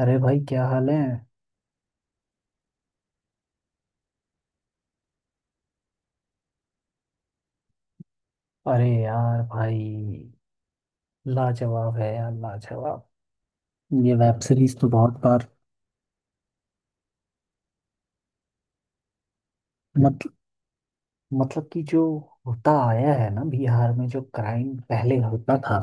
अरे भाई क्या हाल है। अरे यार भाई, लाजवाब है यार, लाजवाब। ये वेब सीरीज तो बहुत बार। मत, मतलब कि जो होता आया है ना, बिहार में जो क्राइम पहले होता था,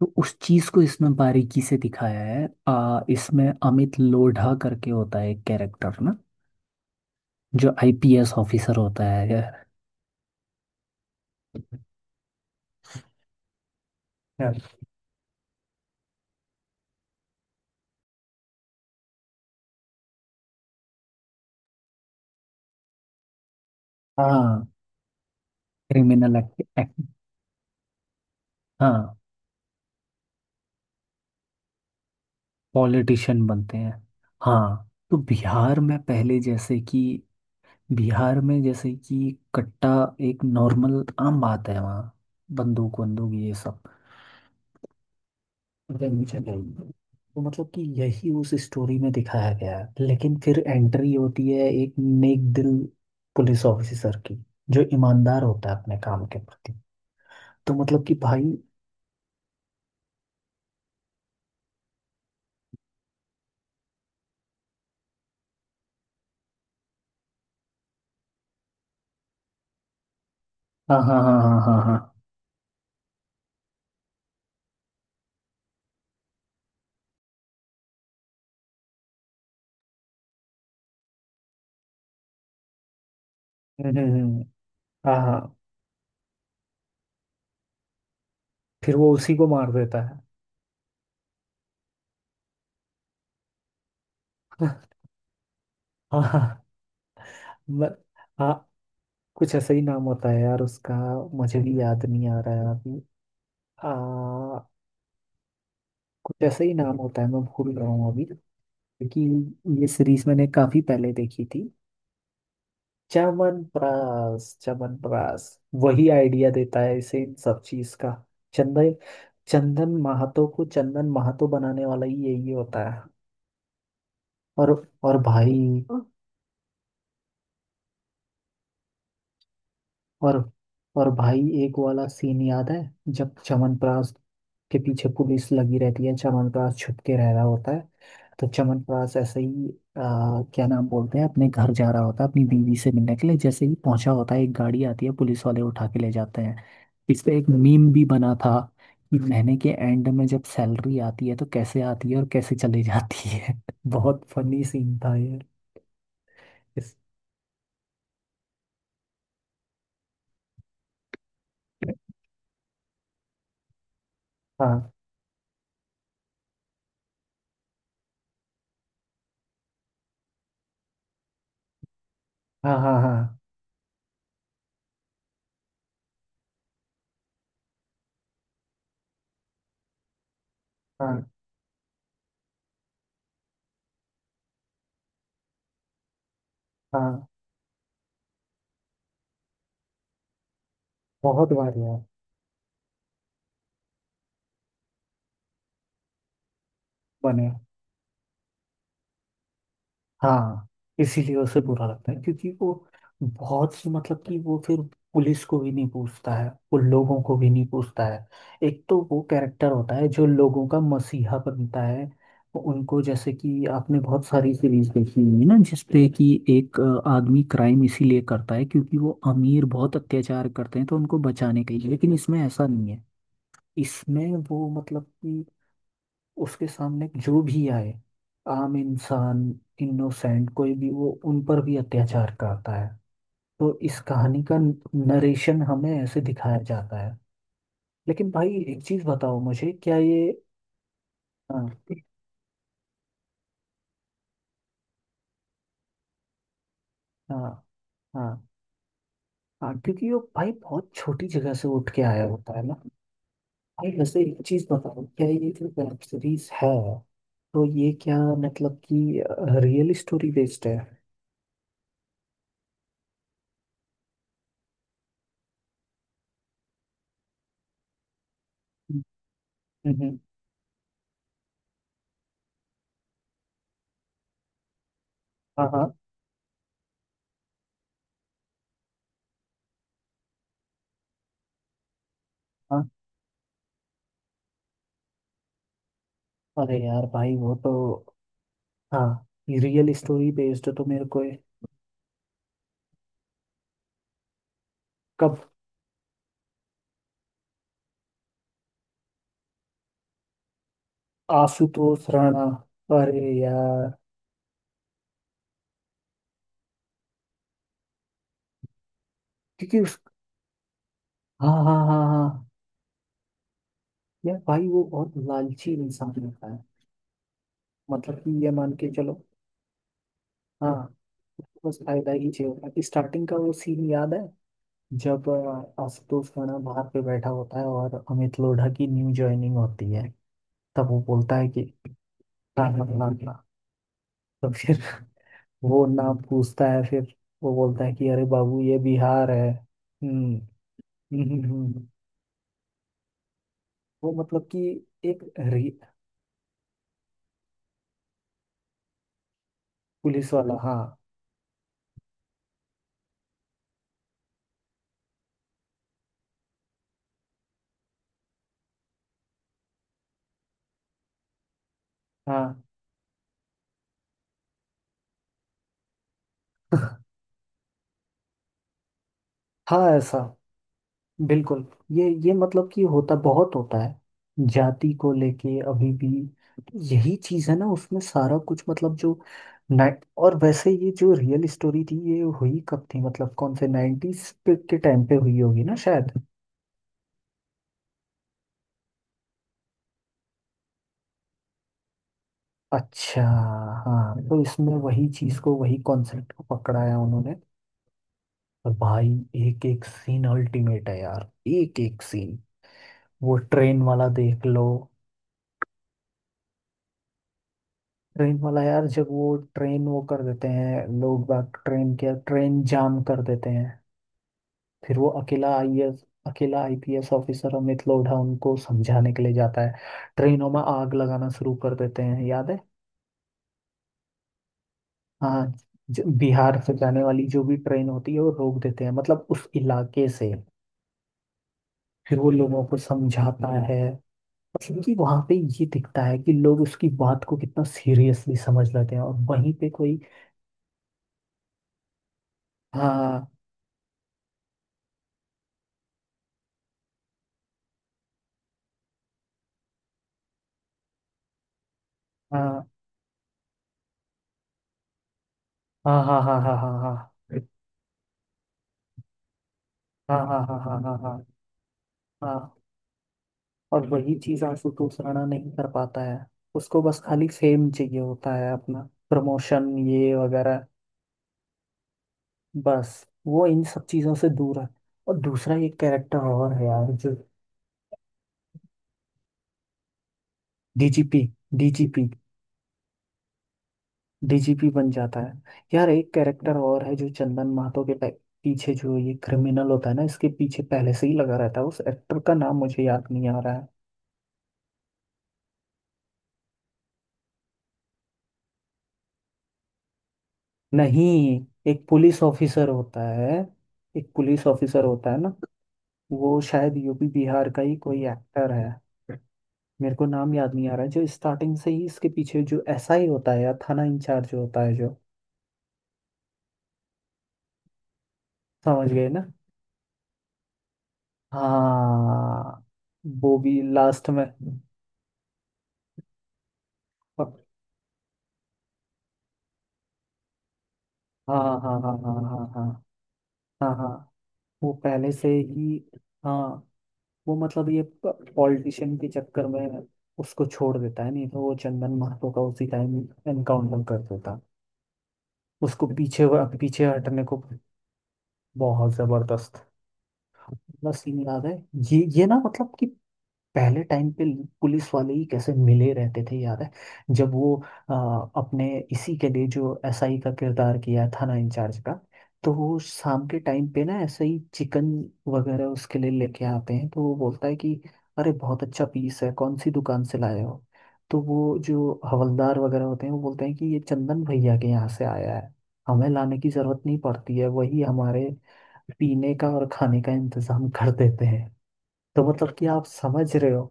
तो उस चीज को इसमें बारीकी से दिखाया है। इसमें अमित लोढ़ा करके होता है एक कैरेक्टर ना, जो आईपीएस ऑफिसर होता है यार। हाँ, क्रिमिनल एक्ट। हाँ, पॉलिटिशियन बनते हैं। हाँ, तो बिहार में पहले जैसे कि बिहार में जैसे कि कट्टा एक नॉर्मल आम बात है वहाँ। बंदूक वंदूक ये सब गन चलाई। तो मतलब कि यही उस स्टोरी में दिखाया गया है, लेकिन फिर एंट्री होती है एक नेक दिल पुलिस ऑफिसर की, जो ईमानदार होता है अपने काम के प्रति। तो मतलब कि भाई, हाँ हाँ हाँ हाँ हाँ हाँ। हम्म, हम्म, हम्म, हाँ हाँ, फिर वो उसी को मार देता है। हाँ हाँ। म- हाँ, कुछ ऐसा ही नाम होता है यार उसका, मुझे भी याद नहीं आ रहा है। आ, कुछ ऐसा ही नाम होता है, मैं भूल रहा हूँ अभी, क्योंकि ये सीरीज मैंने काफी पहले देखी थी। च्यवनप्राश च्यवनप्राश, वही आइडिया देता है इसे इन सब चीज का। चंदन, चंदन महातो को चंदन महातो बनाने वाला ही यही होता है। और और भाई, और और भाई, एक वाला सीन याद है, जब चमनप्रास के पीछे पुलिस लगी रहती है, चमनप्रास छुप के रह रहा होता है, तो चमनप्रास ऐसे ही क्या नाम बोलते हैं, अपने घर जा रहा होता है अपनी बीवी से मिलने के लिए, जैसे ही पहुंचा होता है एक गाड़ी आती है, पुलिस वाले उठा के ले जाते हैं। इस पे एक मीम भी बना था कि महीने के एंड में जब सैलरी आती है तो कैसे आती है और कैसे चली जाती है। बहुत फनी सीन था ये। इस, हाँ हाँ हाँ हाँ हाँ हाँ। बहुत बार यार, बने। हाँ, इसीलिए उसे बुरा लगता है, क्योंकि वो बहुत सी मतलब कि वो फिर पुलिस को भी नहीं पूछता है, वो लोगों को भी नहीं पूछता है। एक तो वो कैरेक्टर होता है जो लोगों का मसीहा बनता है, वो उनको जैसे कि आपने बहुत सारी सीरीज देखी होंगी ना, जिसपे कि एक आदमी क्राइम इसीलिए करता है क्योंकि वो अमीर बहुत अत्याचार करते हैं तो उनको बचाने के लिए, लेकिन इसमें ऐसा नहीं है। इसमें वो मतलब कि उसके सामने जो भी आए, आम इंसान, इनोसेंट, कोई भी, वो उन पर भी अत्याचार करता है। तो इस कहानी का नरेशन हमें ऐसे दिखाया जाता है। लेकिन भाई एक चीज बताओ मुझे, क्या ये, हाँ हाँ हाँ हाँ, क्योंकि वो भाई बहुत छोटी जगह से उठ के आया होता है ना। भाई वैसे एक चीज बताओ, क्या ये जो वेब सीरीज है, तो ये क्या मतलब कि रियल स्टोरी बेस्ड है? हम्म, हम्म, हाँ हाँ हाँ। अरे यार भाई वो तो, हाँ, रियल स्टोरी बेस्ड तो मेरे को ये-, कब? आशुतोष राणा, अरे यार, क्योंकि उस, हाँ हाँ हाँ हाँ। यार भाई वो बहुत लालची इंसान होता है, मतलब कि ये मान के चलो। हाँ, उसको बस फायदा ही चाहिए होता है। स्टार्टिंग का वो सीन याद है, जब आशुतोष राणा बाहर पे बैठा होता है और अमित लोढ़ा की न्यू ज्वाइनिंग होती है, तब वो बोलता है कि हाँ हाँ हाँ हाँ। तो फिर वो नाम पूछता है, फिर वो बोलता है कि अरे बाबू ये बिहार है। हम्म, हम्म। वो मतलब कि, एक पुलिस वाला, हाँ हाँ। हाँ ऐसा, बिल्कुल। ये मतलब कि होता बहुत होता है जाति को लेके अभी भी। तो यही चीज है ना उसमें, सारा कुछ मतलब जो, नाइट। और वैसे ये जो रियल स्टोरी थी ये हुई कब थी, मतलब कौन से नाइन्टीज के टाइम पे हुई होगी ना शायद। अच्छा, हाँ, तो इसमें वही चीज को वही कॉन्सेप्ट को पकड़ाया उन्होंने। और भाई एक एक सीन अल्टीमेट है यार, एक एक सीन। वो ट्रेन वाला देख लो। ट्रेन वाला यार, जब वो ट्रेन वो कर देते हैं, लोग बाग ट्रेन के ट्रेन जाम कर देते हैं, फिर वो अकेला आईएएस, अकेला आईपीएस ऑफिसर अमित लोढ़ा उनको समझाने के लिए जाता है। ट्रेनों में आग लगाना शुरू कर देते हैं, याद है? हाँ, बिहार से जाने वाली जो भी ट्रेन होती है वो रोक देते हैं, मतलब उस इलाके से। फिर वो लोगों को समझाता है, क्योंकि वहां पे ये दिखता है कि लोग उसकी बात को कितना सीरियसली समझ लेते हैं, और वहीं पे कोई, हाँ हाँ हाँ हाँ हाँ हाँ हाँ हाँ, हाँ हाँ हाँ हाँ हाँ हाँ हाँ। और वही चीज आशुतोष राणा नहीं कर पाता है। उसको बस खाली फेम चाहिए होता है अपना, प्रमोशन ये वगैरह। बस वो इन सब चीजों से दूर है। और दूसरा एक कैरेक्टर और है यार, जो, डीजीपी, डीजीपी, डीजीपी बन जाता है। यार एक कैरेक्टर और है जो चंदन महतो के पीछे, जो ये क्रिमिनल होता है ना इसके पीछे पहले से ही लगा रहता है, उस एक्टर का नाम मुझे याद नहीं आ रहा है। नहीं, एक पुलिस ऑफिसर होता है, एक पुलिस ऑफिसर होता है ना, वो शायद यूपी बिहार का ही कोई एक्टर है, मेरे को नाम याद नहीं आ रहा है, जो स्टार्टिंग से ही इसके पीछे जो एसआई होता है या थाना इंचार्ज होता है जो, समझ गए ना? हाँ, वो भी लास्ट में, हाँ हाँ हाँ हाँ हाँ हाँ हाँ हाँ हाँ, वो पहले से ही, हाँ, वो मतलब ये पॉलिटिशियन के चक्कर में उसको छोड़ देता है, नहीं तो वो चंदन महतो का उसी टाइम एनकाउंटर कर देता। उसको पीछे, पीछे हटने को। बहुत जबरदस्त। बस सीन याद है, ये ना मतलब कि, पहले टाइम पे पुलिस वाले ही कैसे मिले रहते थे, याद है, जब वो, अ, अपने इसी के लिए जो एसआई का किरदार किया थाना इंचार्ज का, तो वो शाम के टाइम पे ना ऐसे ही चिकन वगैरह उसके लिए लेके आते हैं, तो वो बोलता है कि अरे बहुत अच्छा पीस है, कौन सी दुकान से लाए हो? तो वो जो हवलदार वगैरह होते हैं वो बोलते हैं कि ये चंदन भैया के यहाँ से आया है, हमें लाने की जरूरत नहीं पड़ती है, वही हमारे पीने का और खाने का इंतजाम कर देते हैं। तो मतलब कि आप समझ रहे हो,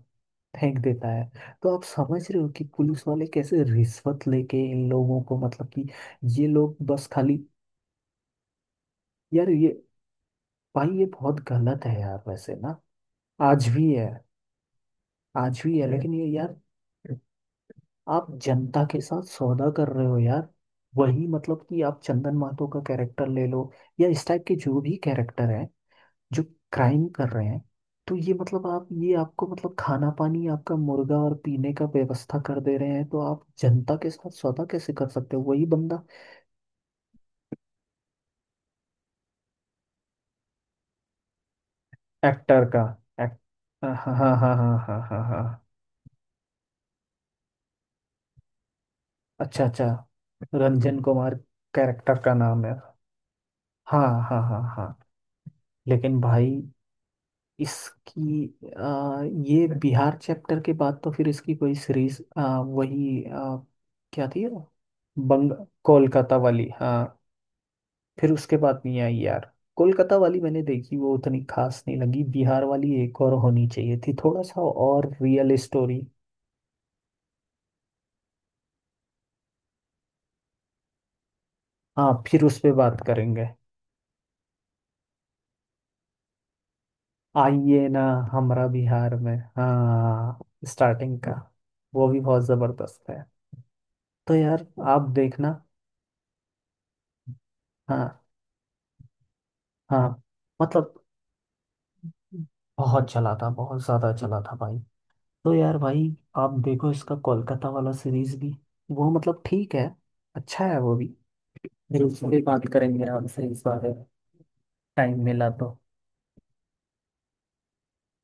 फेंक देता है। तो आप समझ रहे हो कि पुलिस वाले कैसे रिश्वत लेके इन लोगों को, मतलब कि ये लोग बस खाली, यार ये भाई, ये बहुत गलत है यार वैसे ना। आज भी है, आज भी है, लेकिन ये यार, आप जनता के साथ सौदा कर रहे हो यार। वही मतलब कि आप चंदन माथुर का कैरेक्टर ले लो, या इस टाइप के जो भी कैरेक्टर है, जो क्राइम कर रहे हैं, तो ये मतलब आप ये, आपको मतलब खाना पानी, आपका मुर्गा और पीने का व्यवस्था कर दे रहे हैं, तो आप जनता के साथ सौदा कैसे कर सकते हो? वही बंदा, एक्टर का, एक्ट, हाँ हाँ हाँ हाँ हाँ हाँ हाँ हाँ। अच्छा अच्छा, रंजन कुमार कैरेक्टर का नाम है। हाँ हाँ हाँ हाँ। लेकिन भाई, इसकी, आ, ये बिहार चैप्टर के बाद तो फिर इसकी कोई सीरीज, वही, क्या थी वो? बंग, कोलकाता वाली हाँ। फिर उसके बाद मियां यार, कोलकाता वाली मैंने देखी, वो उतनी खास नहीं लगी, बिहार वाली एक और होनी चाहिए थी थोड़ा सा और, रियल स्टोरी। हाँ, फिर उस पे बात करेंगे। आइए ना हमारा बिहार में, हाँ। स्टार्टिंग का, वो भी बहुत जबरदस्त है। तो यार आप देखना। हाँ हाँ मतलब, बहुत चला था, बहुत ज्यादा चला था भाई। तो यार भाई, आप देखो इसका कोलकाता वाला सीरीज भी, वो मतलब ठीक है, अच्छा है वो भी। बिल्कुल, भी बात करेंगे आपसे इस बारे में, टाइम मिला तो।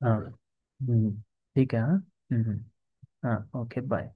हाँ ठीक है हाँ। हम्म हम्म, हाँ ओके बाय।